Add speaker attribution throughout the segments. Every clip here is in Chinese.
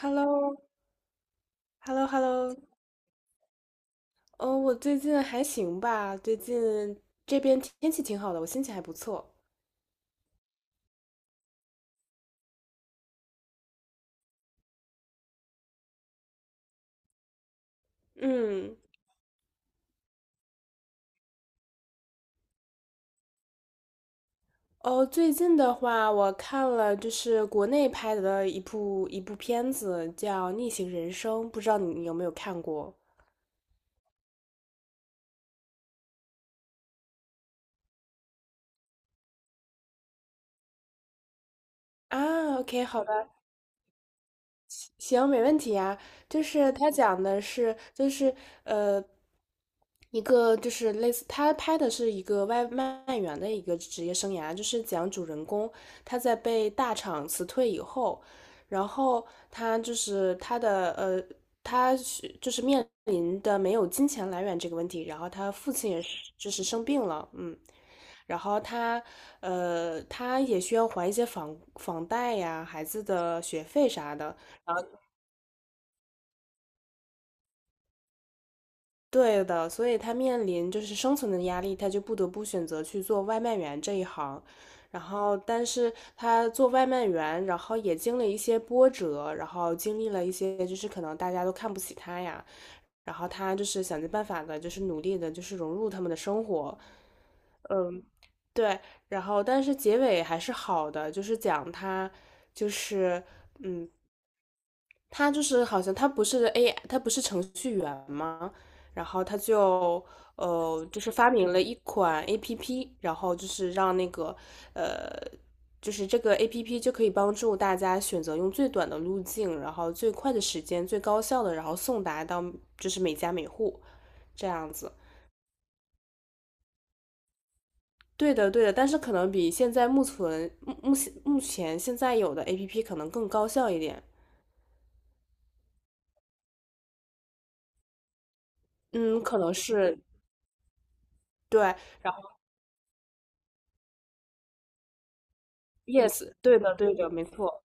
Speaker 1: h e l l o h e l l o h e l l o。 哦，我最近还行吧，最近这边天气挺好的，我心情还不错。嗯。哦，最近的话，我看了就是国内拍的一部片子，叫《逆行人生》，不知道你有没有看过？啊，OK,好吧，行，没问题呀。就是他讲的是，就是呃，一个就是类似，他拍的是一个外卖员的一个职业生涯，就是讲主人公他在被大厂辞退以后，然后他就是他的他就是面临的没有金钱来源这个问题，然后他父亲也是就是生病了，嗯，然后他他也需要还一些房贷呀、孩子的学费啥的，然后。对的，所以他面临就是生存的压力，他就不得不选择去做外卖员这一行。然后，但是他做外卖员，然后也经历一些波折，然后经历了一些就是可能大家都看不起他呀，然后他就是想尽办法的，就是努力的，就是融入他们的生活。对，然后但是结尾还是好的，就是讲他就是嗯他就是好像他不是 AI,他不是程序员吗？然后他就就是发明了一款 APP,然后就是让那个呃，就是这个 APP 就可以帮助大家选择用最短的路径，然后最快的时间、最高效的，然后送达到就是每家每户这样子。对的，对的，但是可能比现在目前现在有的 APP 可能更高效一点。嗯，可能是对。然 Yes,对的，对的，没错，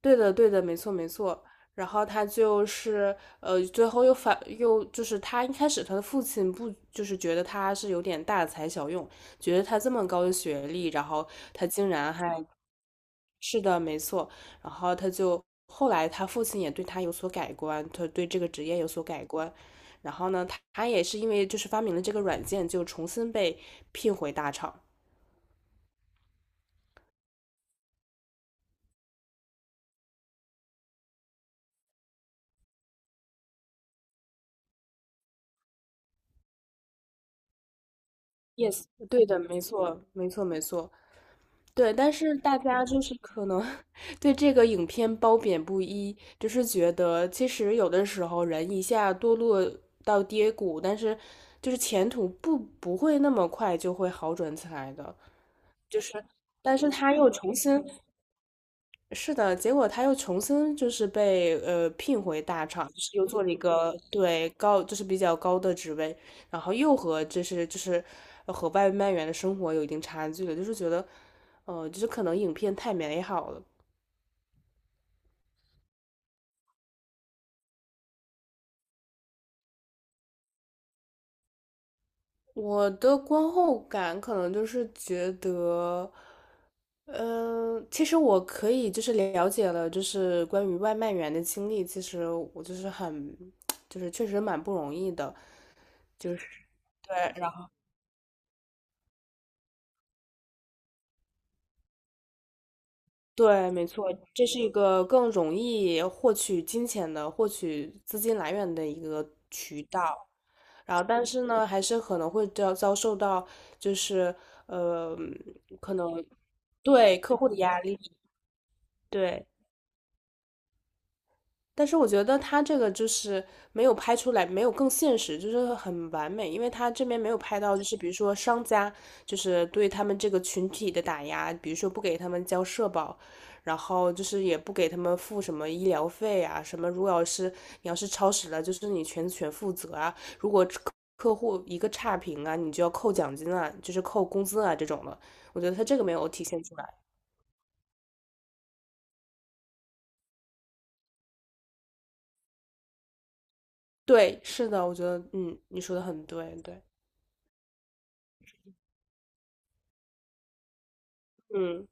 Speaker 1: 对的，对的，没错，没错。然后他就是最后又反又就是他一开始他的父亲不就是觉得他是有点大材小用，觉得他这么高的学历，然后他竟然还是的，没错。然后他就后来他父亲也对他有所改观，他对这个职业有所改观。然后呢，他也是因为就是发明了这个软件，就重新被聘回大厂。Yes,对的，没错，没错，没错。对，但是大家就是可能 对这个影片褒贬不一，就是觉得其实有的时候人一下堕落到跌谷，但是就是前途不会那么快就会好转起来的，就是，但是他又重新是的，结果他又重新就是被聘回大厂，就是又做了一个对高就是比较高的职位，然后又和就是和外卖员的生活有一定差距了，就是觉得，就是可能影片太美好了。我的观后感可能就是觉得，嗯、其实我可以就是了解了，就是关于外卖员的经历，其实我就是很，就是确实蛮不容易的，就是对，然后。对，没错，这是一个更容易获取金钱的、获取资金来源的一个渠道。然后，但是呢，还是可能会遭受到，就是呃，可能对客户的压力，对。但是我觉得他这个就是没有拍出来，没有更现实，就是很完美，因为他这边没有拍到，就是比如说商家就是对他们这个群体的打压，比如说不给他们交社保，然后就是也不给他们付什么医疗费啊，什么如果要是你要是超时了，就是你全权负责啊，客户一个差评啊，你就要扣奖金啊，就是扣工资啊这种的，我觉得他这个没有体现出来。对，是的，我觉得嗯，你说的很对，对，嗯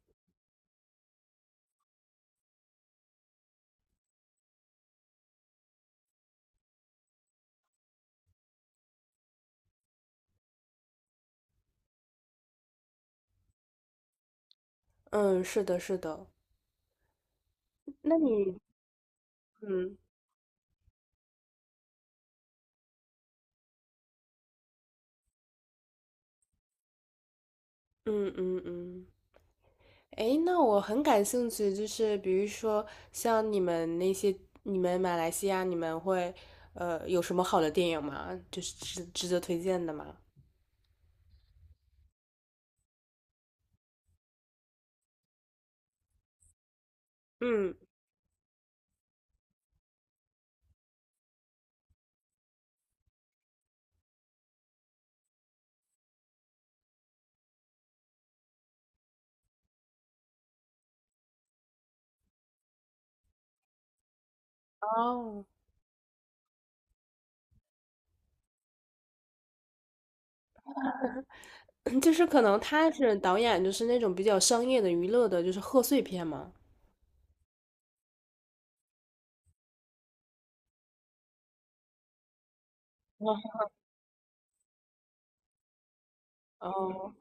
Speaker 1: 嗯，是的，是的。那你，嗯嗯嗯嗯，诶，那我很感兴趣，就是比如说像你们那些，你们马来西亚，你们会有什么好的电影吗？就是值得推荐的吗？嗯，哦，就是可能他是导演，就是那种比较商业的、娱乐的，就是贺岁片嘛。哦哦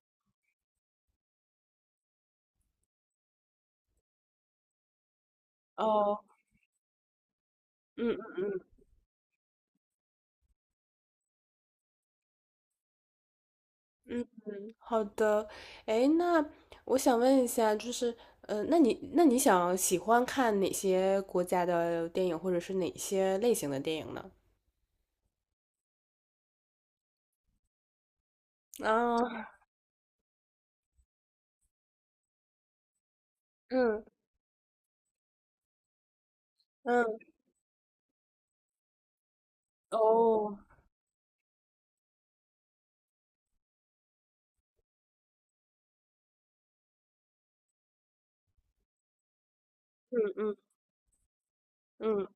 Speaker 1: 哦，嗯嗯好的，哎，那我想问一下，就是，那你想喜欢看哪些国家的电影，或者是哪些类型的电影呢？啊，嗯嗯，哦，嗯嗯嗯，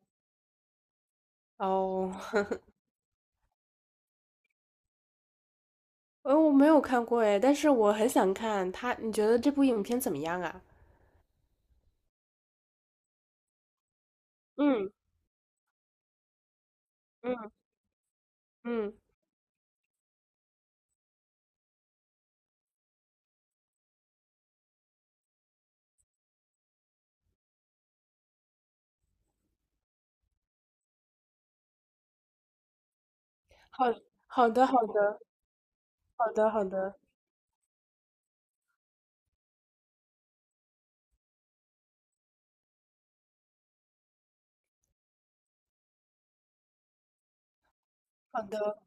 Speaker 1: 哦，我没有看过哎，但是我很想看他，你觉得这部影片怎么样啊？嗯嗯嗯，好好的好的好的好的好的，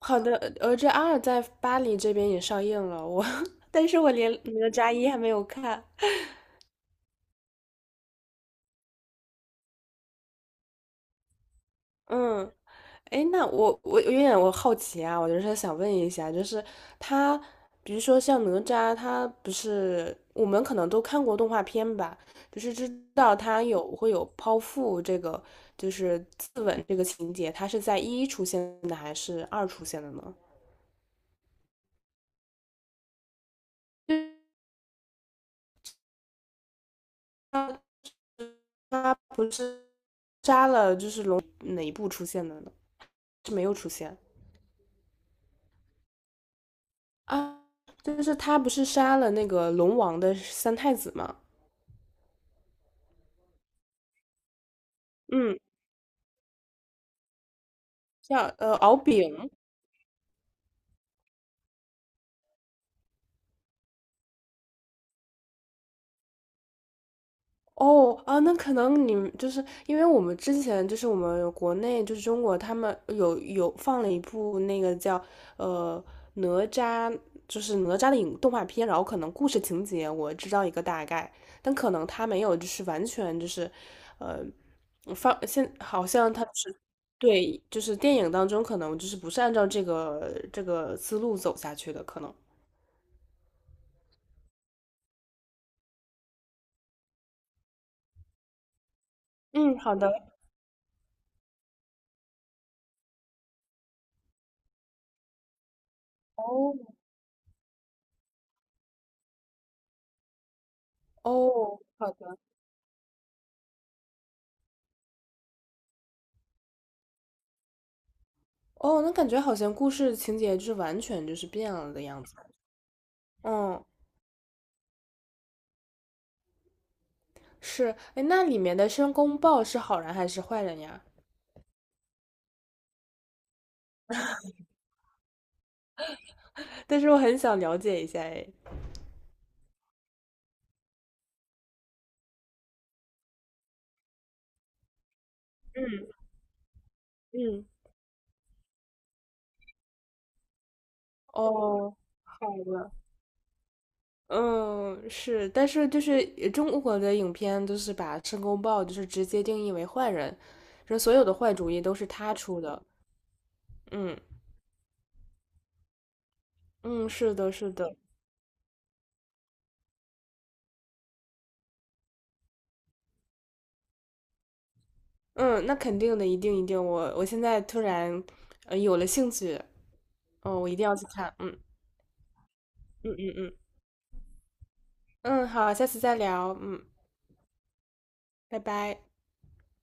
Speaker 1: 好的，呃《哪吒二》在巴黎这边也上映了，我，但是我连《哪吒一》还没有看。嗯，哎，那我有点我好奇啊，我就是想问一下，就是他，比如说像哪吒，他不是我们可能都看过动画片吧，就是知道他有会有剖腹这个，就是自刎这个情节，他是在一出现的还是二出现的呢？就是他他不是杀了就是龙哪一部出现的呢？是没有出现啊，就是他不是杀了那个龙王的三太子吗？嗯，叫敖丙，哦啊，那可能你们就是因为我们之前就是我们国内就是中国他们有放了一部那个叫呃哪吒，就是哪吒的影动画片，然后可能故事情节我知道一个大概，但可能他没有就是完全就是呃放现好像他是对就是电影当中可能就是不是按照这个思路走下去的可能。嗯，好的。哦哦，好的。哦，那感觉好像故事情节就是完全就是变了的样子。嗯，是，哎，那里面的申公豹是好人还是坏人呀？但是我很想了解一下，哎。嗯嗯，哦，好的。嗯，是，但是就是中国的影片都是把申公豹就是直接定义为坏人，说所有的坏主意都是他出的。嗯嗯，是的，是的。嗯，那肯定的，一定一定。我现在突然有了兴趣，嗯，我一定要去看。嗯。嗯嗯嗯嗯，好，下次再聊，嗯，拜拜。